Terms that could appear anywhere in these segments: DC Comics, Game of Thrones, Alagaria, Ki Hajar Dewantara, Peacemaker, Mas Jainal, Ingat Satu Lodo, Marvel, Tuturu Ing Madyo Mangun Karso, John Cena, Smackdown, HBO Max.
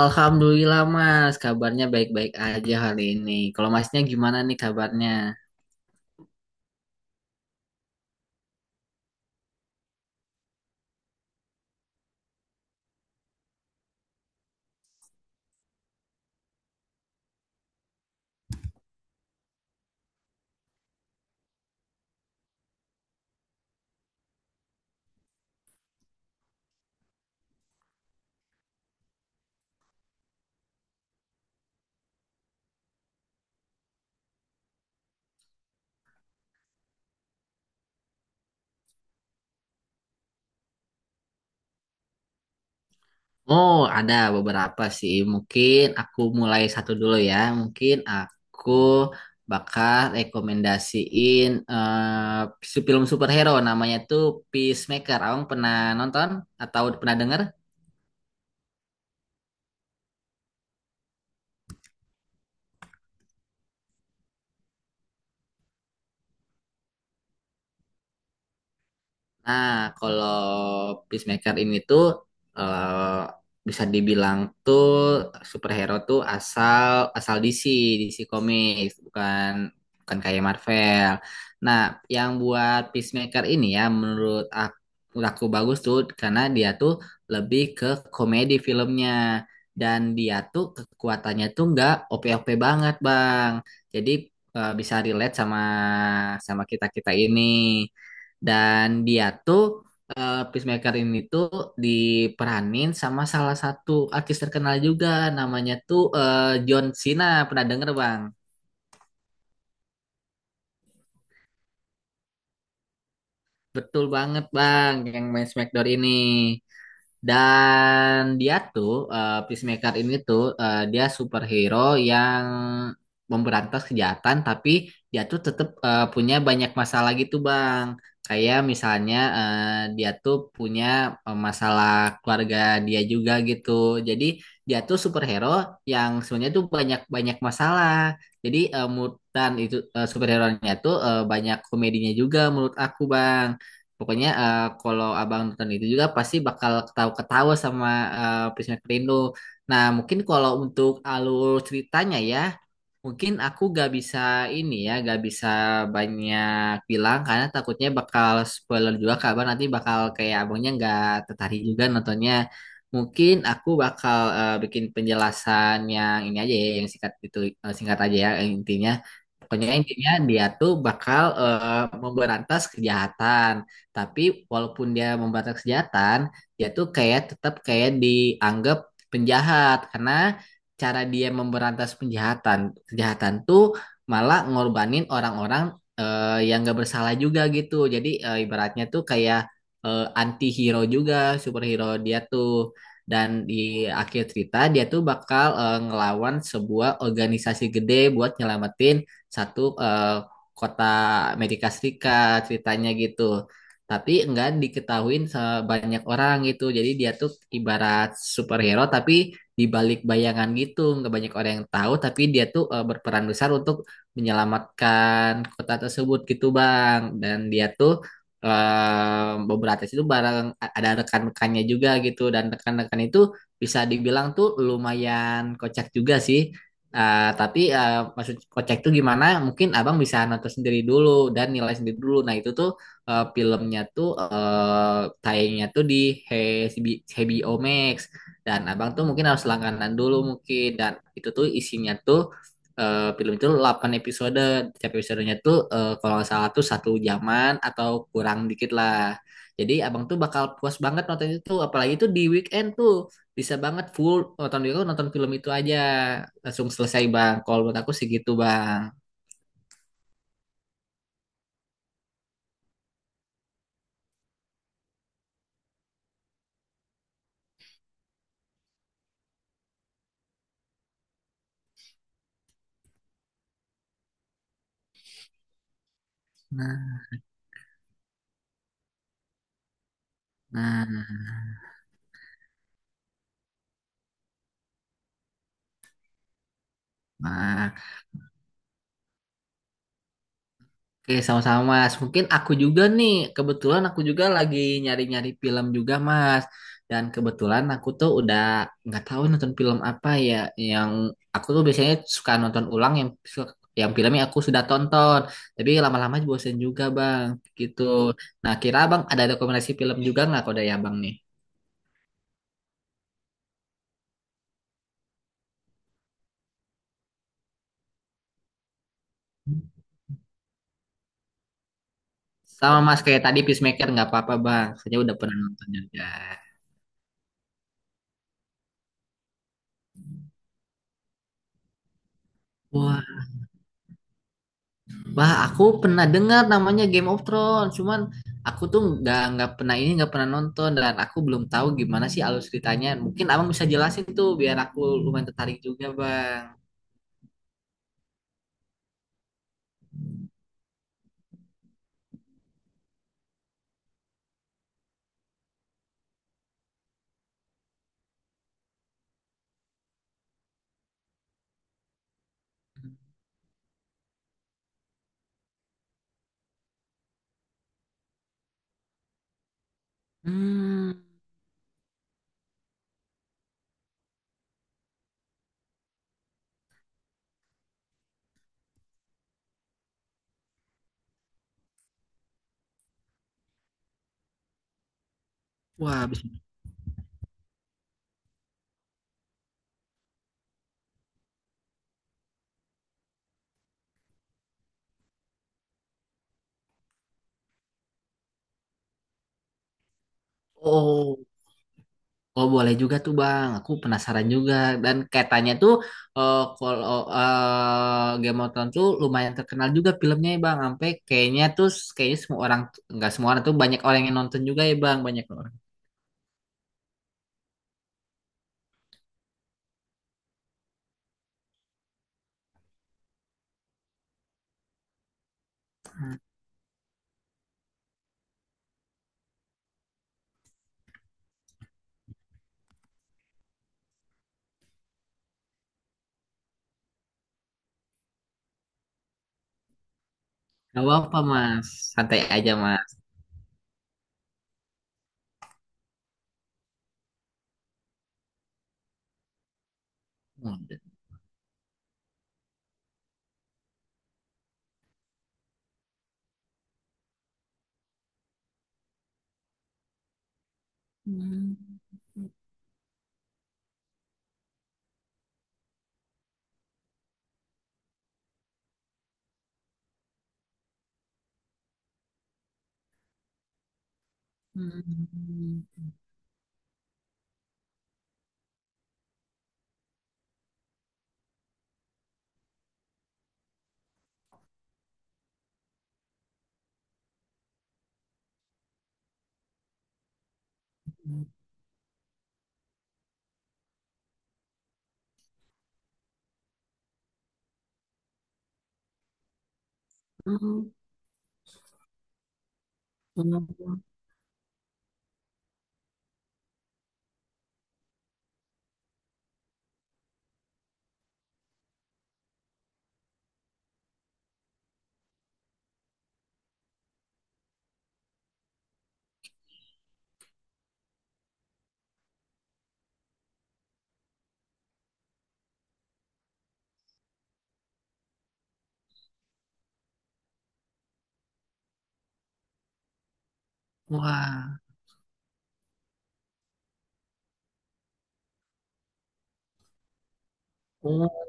Alhamdulillah Mas, kabarnya baik-baik aja hari ini. Kalau Masnya gimana nih kabarnya? Oh, ada beberapa sih. Mungkin aku mulai satu dulu ya. Mungkin aku bakal rekomendasiin si film superhero namanya tuh Peacemaker. Abang pernah nonton atau pernah denger? Nah, kalau Peacemaker ini tuh eh, bisa dibilang tuh superhero tuh asal asal DC, DC Comics, bukan bukan kayak Marvel. Nah, yang buat Peacemaker ini ya menurut aku, bagus tuh karena dia tuh lebih ke komedi filmnya dan dia tuh kekuatannya tuh nggak OP-OP banget, Bang. Jadi bisa relate sama sama kita-kita ini. Dan dia tuh Peacemaker ini tuh diperanin sama salah satu artis terkenal juga namanya tuh John Cena. Pernah denger, Bang? Betul banget, Bang, yang main Smackdown ini. Dan dia tuh Peacemaker ini tuh dia superhero yang memberantas kejahatan tapi dia tuh tetap punya banyak masalah gitu Bang. Kayak misalnya dia tuh punya masalah keluarga dia juga gitu. Jadi dia tuh superhero yang sebenarnya tuh banyak-banyak masalah. Jadi dan itu superhero-nya tuh banyak komedinya juga menurut aku Bang. Pokoknya kalau abang nonton itu juga pasti bakal ketawa-ketawa sama Peacemaker Rindu. Nah mungkin kalau untuk alur ceritanya ya, mungkin aku gak bisa ini ya, gak bisa banyak bilang karena takutnya bakal spoiler juga kabar nanti bakal kayak abangnya nggak tertarik juga nontonnya. Mungkin aku bakal bikin penjelasan yang ini aja ya, yang singkat itu singkat aja ya yang intinya. Pokoknya intinya dia tuh bakal memberantas kejahatan. Tapi walaupun dia memberantas kejahatan, dia tuh kayak tetap kayak dianggap penjahat karena cara dia memberantas penjahatan kejahatan tuh malah ngorbanin orang-orang yang gak bersalah juga gitu. Jadi ibaratnya tuh kayak anti hero juga superhero dia tuh. Dan di akhir cerita dia tuh bakal ngelawan sebuah organisasi gede buat nyelamatin satu kota Amerika Serikat ceritanya gitu, tapi enggak diketahuin sebanyak orang gitu. Jadi dia tuh ibarat superhero tapi di balik bayangan gitu, nggak banyak orang yang tahu tapi dia tuh berperan besar untuk menyelamatkan kota tersebut gitu bang. Dan dia tuh beberapa artis itu bareng, ada rekan-rekannya juga gitu dan rekan-rekan itu bisa dibilang tuh lumayan kocak juga sih. Tapi maksud kocak tuh gimana mungkin abang bisa nonton sendiri dulu dan nilai sendiri dulu. Nah itu tuh filmnya tuh tayangnya tuh di He- HBO Max dan abang tuh mungkin harus langganan dulu mungkin. Dan itu tuh isinya tuh film itu 8 episode. Setiap episodenya tuh kalau nggak salah tuh satu jaman atau kurang dikit lah. Jadi abang tuh bakal puas banget nonton itu. Apalagi tuh di weekend tuh bisa banget full nonton dulu nonton film itu aja langsung selesai bang. Kalau menurut aku sih gitu bang. Nah, nah, nah. Oke, sama-sama Mas. Mungkin aku juga nih, kebetulan aku juga lagi nyari-nyari film juga Mas. Dan kebetulan aku tuh udah nggak tahu nonton film apa ya yang aku tuh biasanya suka nonton ulang yang filmnya aku sudah tonton. Tapi lama-lama bosen juga Bang, gitu. Nah, kira Bang ada rekomendasi film juga nggak kode ya Bang nih? Sama Mas kayak tadi Peacemaker nggak apa-apa Bang, saya udah pernah nonton juga. Wah, Wah, aku pernah dengar namanya Game of Thrones, cuman aku tuh nggak pernah ini nggak pernah nonton dan aku belum tahu gimana sih alur ceritanya. Mungkin abang bisa jelasin tuh biar aku lumayan tertarik juga, bang. Hmm, wah, habis oh, oh boleh juga tuh bang. Aku penasaran juga dan katanya tuh kalau Game of Thrones tuh lumayan terkenal juga filmnya ya bang. Sampai kayaknya tuh kayaknya semua orang, nggak semua orang tuh banyak orang yang nonton juga ya bang, banyak orang. Gak apa-apa mas, santai aja mas. Hmm. Hmm. Hmm. Hmm. Hmm. Wah, oh,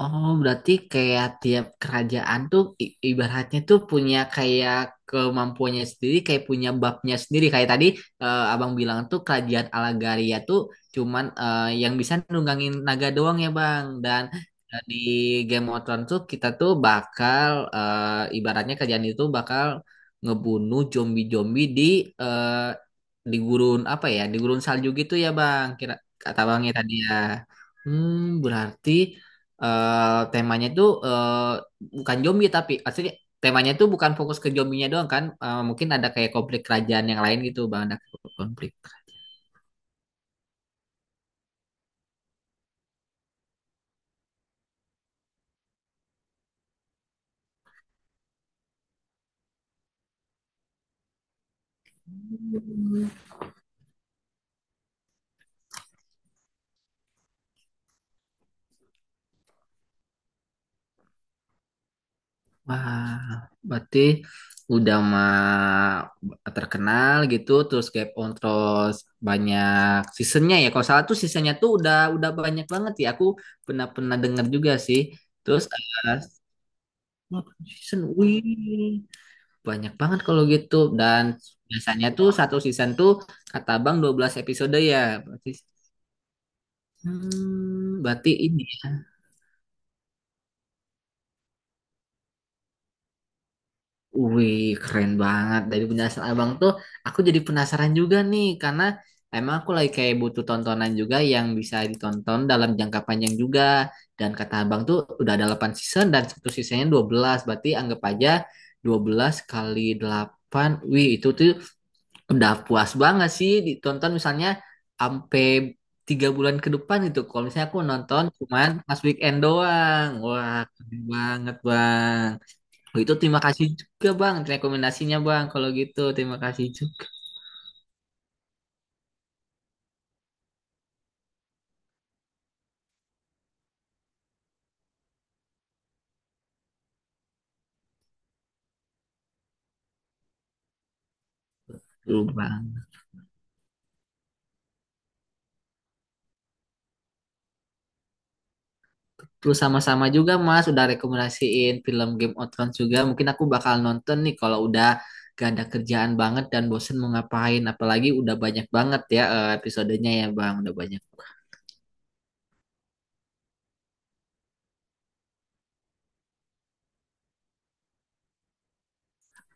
oh, berarti kayak tiap kerajaan tuh ibaratnya tuh punya kayak kemampuannya sendiri, kayak punya babnya sendiri. Kayak tadi abang bilang tuh kerajaan Alagaria tuh cuman yang bisa nunggangin naga doang ya bang. Dan di Game of Thrones tuh kita tuh bakal ibaratnya kerajaan itu bakal ngebunuh zombie-zombie eh, di gurun apa ya, di gurun salju gitu ya bang. Kira kata abangnya tadi ya. Hmm, berarti temanya itu bukan zombie tapi aslinya temanya itu bukan fokus ke zombinya doang kan. Mungkin ada kayak konflik kerajaan yang lain gitu bang, ada konflik. Hmm. Wah berarti udah mah terkenal gitu terus Game on terus banyak seasonnya ya kalau salah tuh seasonnya tuh udah banyak banget ya aku pernah pernah dengar juga sih. Terus 8 season wih. Banyak banget kalau gitu. Dan biasanya tuh satu season tuh kata Bang 12 episode ya. Berarti, berarti, ini ya. Wih, keren banget. Dari penjelasan Abang tuh aku jadi penasaran juga nih karena emang aku lagi kayak butuh tontonan juga yang bisa ditonton dalam jangka panjang juga. Dan kata Abang tuh udah ada 8 season dan satu seasonnya 12. Berarti anggap aja 12 kali 8. Wih, itu tuh udah puas banget sih ditonton misalnya sampai 3 bulan ke depan itu, kalau misalnya aku nonton cuman pas weekend doang. Wah keren banget bang. Oh, itu terima kasih juga bang rekomendasinya bang. Kalau gitu terima kasih juga. Tuh, bang, terus sama-sama juga mas udah rekomendasiin film Game of Thrones juga. Mungkin aku bakal nonton nih kalau udah gak ada kerjaan banget dan bosen mau ngapain. Apalagi udah banyak banget ya, episodenya ya bang udah banyak.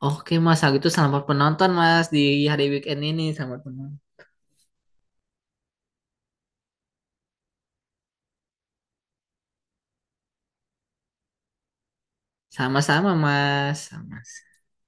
Oke Mas, kalau gitu selamat penonton Mas di hari weekend ini. Selamat penonton. Sama-sama Mas. Sama.